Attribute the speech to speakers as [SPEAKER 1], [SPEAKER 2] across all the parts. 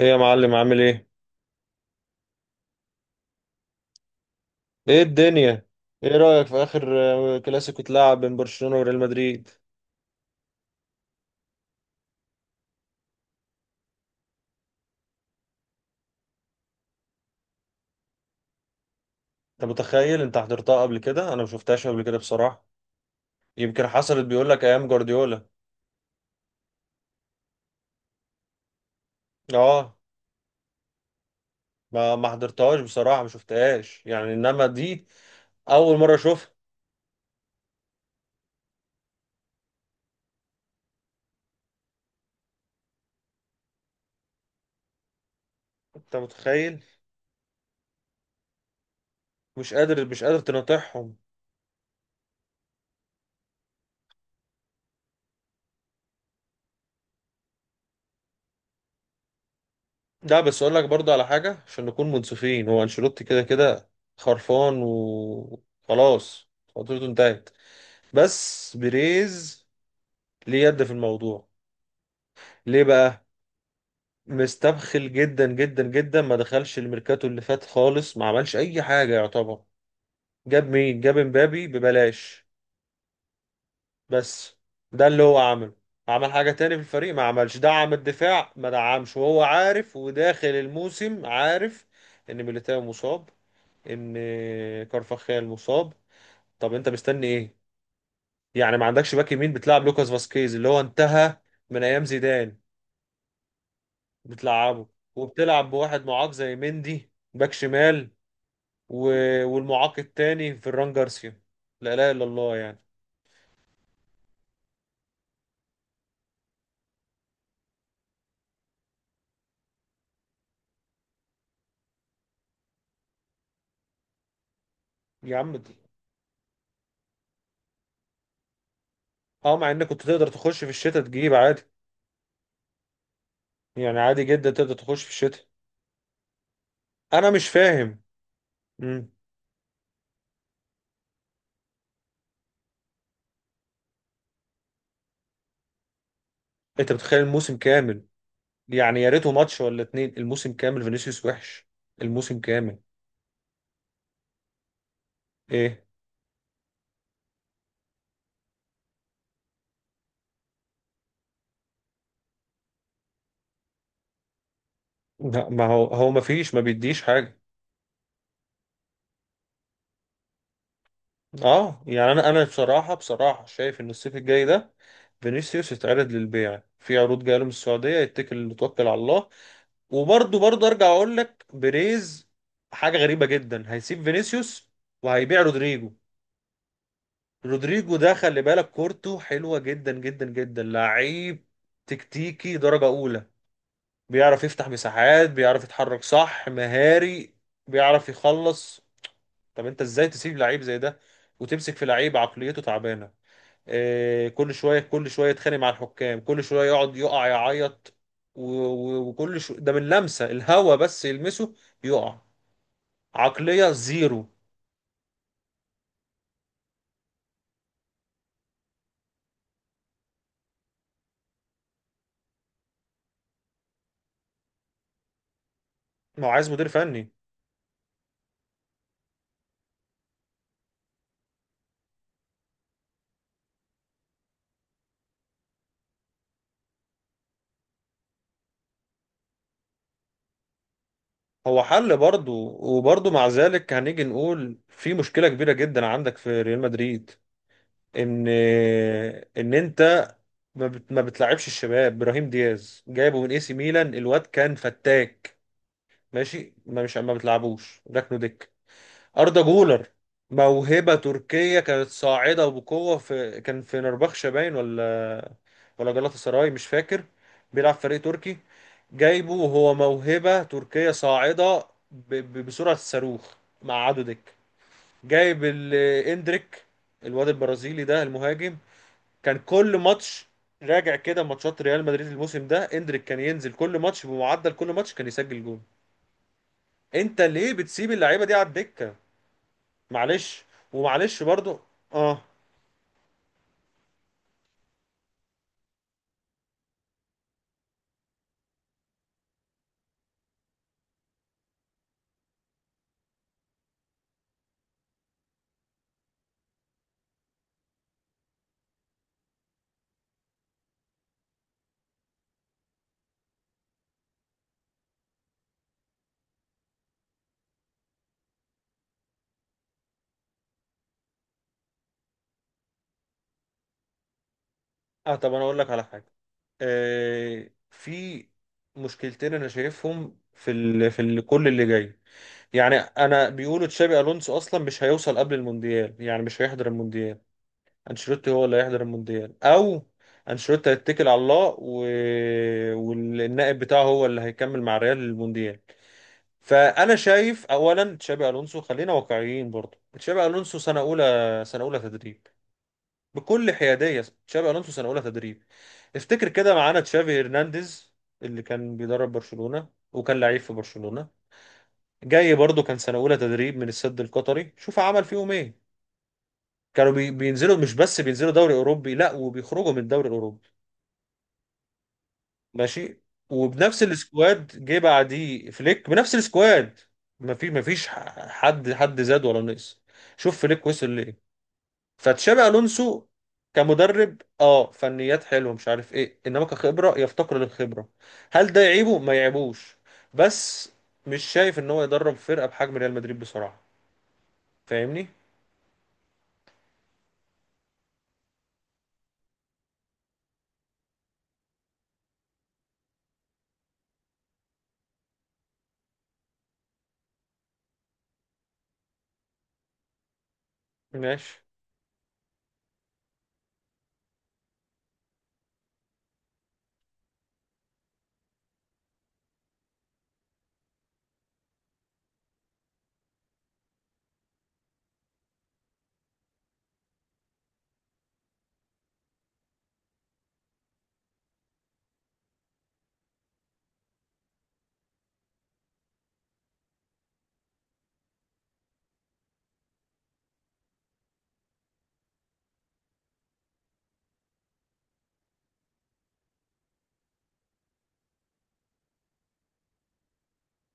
[SPEAKER 1] ايه يا معلم، عامل ايه؟ ايه الدنيا؟ ايه رأيك في اخر كلاسيكو اتلعب بين برشلونة وريال مدريد؟ انت متخيل؟ انت حضرتها قبل كده؟ انا ما شفتهاش قبل كده بصراحة. يمكن حصلت، بيقول لك ايام جوارديولا. اه، ما حضرتهاش بصراحة، ما شفتهاش يعني، انما دي اول مرة اشوفها. انت متخيل؟ مش قادر، مش قادر تناطحهم. لا، بس اقول لك برضه على حاجة عشان نكون منصفين، هو انشيلوتي كده كده خرفان وخلاص، فترته انتهت. بس بيريز ليه يد في الموضوع؟ ليه بقى؟ مستبخل جدا جدا جدا، ما دخلش الميركاتو اللي فات خالص، ما عملش اي حاجه يعتبر. جاب مين؟ جاب مبابي ببلاش، بس ده اللي هو عمله. عمل حاجه تاني في الفريق، ما عملش دعم الدفاع، ما دعمش وهو عارف، وداخل الموسم عارف ان ميليتاو مصاب، ان كارفاخال مصاب. طب انت مستني ايه؟ يعني ما عندكش باك يمين، بتلعب لوكاس فاسكيز اللي هو انتهى من ايام زيدان، بتلعبه. وبتلعب بواحد معاق زي مندي باك شمال، و... والمعاق التاني فران جارسيا. لا لا الا الله يعني. يا عم دي. اه، مع انك كنت تقدر تخش في الشتاء تجيب عادي. يعني عادي جدا تقدر تخش في الشتاء. انا مش فاهم. مم. انت بتخيل الموسم كامل؟ يعني يا ريته ماتش ولا اتنين، الموسم كامل فينيسيوس وحش. الموسم كامل. ايه. لا، ما هو هو ما فيش، ما بيديش حاجة. اه يعني انا بصراحه بصراحه شايف ان الصيف الجاي ده فينيسيوس يتعرض للبيع في عروض جايه له من السعوديه، يتكل، توكل على الله. وبرضه برضه ارجع اقول لك، بيريز حاجه غريبه جدا، هيسيب فينيسيوس وهيبيع رودريجو. رودريجو ده خلي بالك كورته حلوه جدا جدا جدا، لعيب تكتيكي درجه اولى، بيعرف يفتح مساحات، بيعرف يتحرك صح، مهاري، بيعرف يخلص. طب انت ازاي تسيب لعيب زي ده وتمسك في لعيب عقليته تعبانه؟ كل شويه كل شويه يتخانق مع الحكام، كل شويه يقعد يقع يعيط، و- و- وكل شو ده، من لمسه الهوا بس يلمسه يقع. عقليه زيرو. ما هو عايز مدير فني. هو حل برضه، وبرضه مع ذلك هنيجي نقول في مشكله كبيره جدا عندك في ريال مدريد، ان ان انت ما بتلعبش الشباب. ابراهيم دياز جايبه من اي سي ميلان، الواد كان فتاك، ماشي، ما بتلعبوش، ركنه دكه. أردا جولر موهبة تركية كانت صاعدة بقوة، في، كان في نربخشة باين، ولا ولا جلاطة سراي مش فاكر، بيلعب في فريق تركي. جايبه وهو موهبة تركية صاعدة بسرعة الصاروخ، مع عدو دك. جايب اندريك، الواد البرازيلي ده المهاجم، كان كل ماتش. راجع كده ماتشات ريال مدريد الموسم ده، اندريك كان ينزل كل ماتش، بمعدل كل ماتش كان يسجل جول. انت ليه بتسيب اللعيبة دي على الدكة؟ معلش، ومعلش برضو. اه، اه طب انا اقول لك على حاجه. في مشكلتين انا شايفهم في كل اللي جاي. يعني انا بيقولوا تشابي الونسو اصلا مش هيوصل قبل المونديال، يعني مش هيحضر المونديال. انشيلوتي هو اللي هيحضر المونديال، او انشيلوتي هيتكل على الله والنائب بتاعه هو اللي هيكمل مع ريال المونديال. فانا شايف اولا تشابي الونسو، خلينا واقعيين برضه، تشابي الونسو سنه اولى، سنه اولى تدريب. بكل حياديه تشابي الونسو سنه اولى تدريب. افتكر كده معانا تشافي هرنانديز اللي كان بيدرب برشلونه وكان لعيب في برشلونه، جاي برضه كان سنه اولى تدريب من السد القطري، شوف عمل فيهم ايه. كانوا بينزلوا، مش بس بينزلوا دوري اوروبي، لا وبيخرجوا من الدوري الاوروبي. ماشي. وبنفس السكواد جه بعديه فليك بنفس السكواد، ما فيش حد زاد ولا نقص. شوف فليك وصل ليه. فتشابي الونسو كمدرب، اه فنيات حلوه مش عارف ايه، انما كخبره يفتقر للخبره. هل ده يعيبه؟ ما يعيبوش. بس مش شايف ان هو يدرب فرقه بحجم ريال مدريد بصراحه. فاهمني؟ ماشي.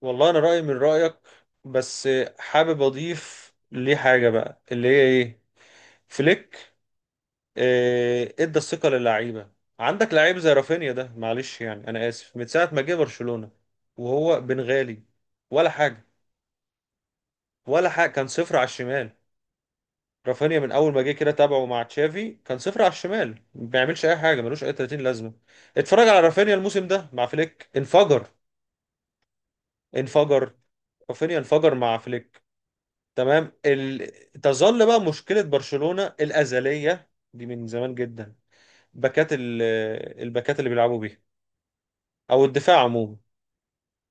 [SPEAKER 1] والله انا رايي من رايك، بس حابب اضيف ليه حاجه بقى اللي هي ايه. فليك ادى الثقه للعيبه. عندك لعيب زي رافينيا ده، معلش يعني انا اسف، من ساعه ما جه برشلونه وهو بنغالي، ولا حاجه، ولا حاجه، كان صفر على الشمال. رافينيا من اول ما جه كده تابعه مع تشافي كان صفر على الشمال، ما بيعملش اي حاجه، ملوش اي 30 لازمه. اتفرج على رافينيا الموسم ده مع فليك، انفجر، انفجر. رافينيا انفجر مع فليك. تمام. تظل بقى مشكله برشلونه الازليه، دي من زمان جدا، باكات الباكات اللي بيلعبوا بيها، او الدفاع عموما.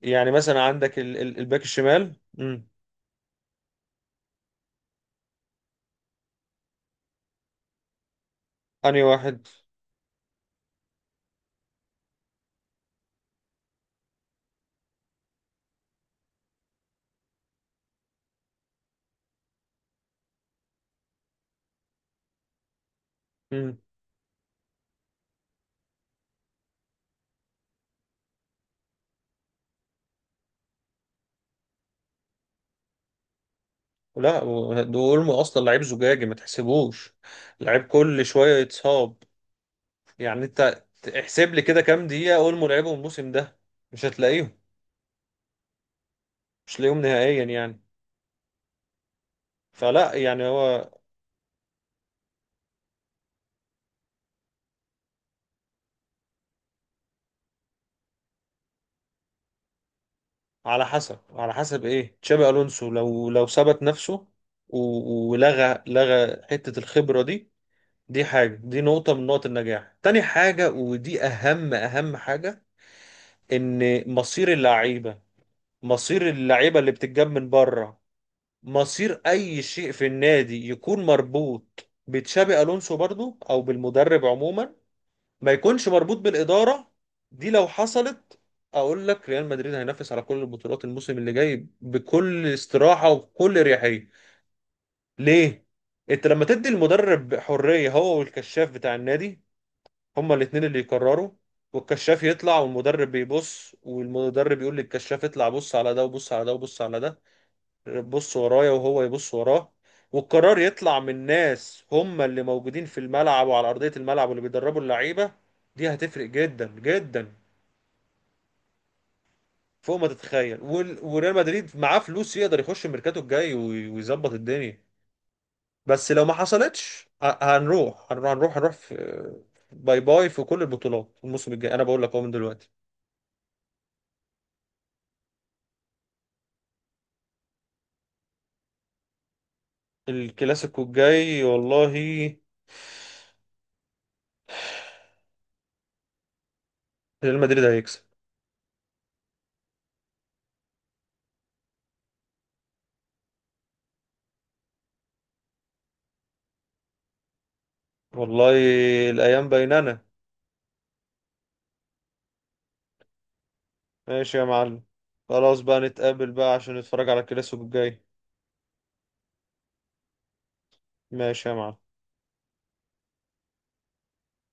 [SPEAKER 1] يعني مثلا عندك الباك الشمال. امم. انهي واحد؟ لا دول اصلا لعيب زجاجي، ما تحسبوش، لعيب كل شويه يتصاب. يعني انت احسب لي كده كام دقيقه اولمو لعبهم الموسم ده، مش هتلاقيهم، مش هتلاقيهم نهائيا يعني. فلا يعني هو. على حسب، على حسب ايه تشابي الونسو. لو ثبت نفسه ولغى حته الخبره دي، دي حاجه، دي نقطه من نقط النجاح. تاني حاجه، ودي اهم اهم حاجه، ان مصير اللعيبه، مصير اللعيبه اللي بتتجاب من بره، مصير اي شيء في النادي يكون مربوط بتشابي الونسو برضو، او بالمدرب عموما، ما يكونش مربوط بالاداره. دي لو حصلت اقول لك ريال مدريد هينافس على كل البطولات الموسم اللي جاي بكل استراحه وبكل اريحيه. ليه؟ انت لما تدي المدرب حريه، هو والكشاف بتاع النادي، هما الاتنين اللي يقرروا. والكشاف يطلع، والمدرب بيبص، والمدرب يقول للكشاف اطلع بص على ده، وبص على ده، وبص على ده، بص ورايا وهو يبص وراه. والقرار يطلع من ناس هم اللي موجودين في الملعب وعلى أرضية الملعب واللي بيدربوا اللعيبة. دي هتفرق جدا جدا فوق ما تتخيل. وريال مدريد معاه فلوس، يقدر يخش الميركاتو الجاي ويظبط الدنيا. بس لو ما حصلتش، هنروح في باي باي في كل البطولات الموسم الجاي. انا بقول لك اهو من دلوقتي. الكلاسيكو الجاي، والله ريال مدريد هيكسب. والله الايام بيننا. ماشي يا معلم. خلاص بقى، نتقابل بقى عشان نتفرج على الكلاسيكو الجاي. ماشي يا معلم.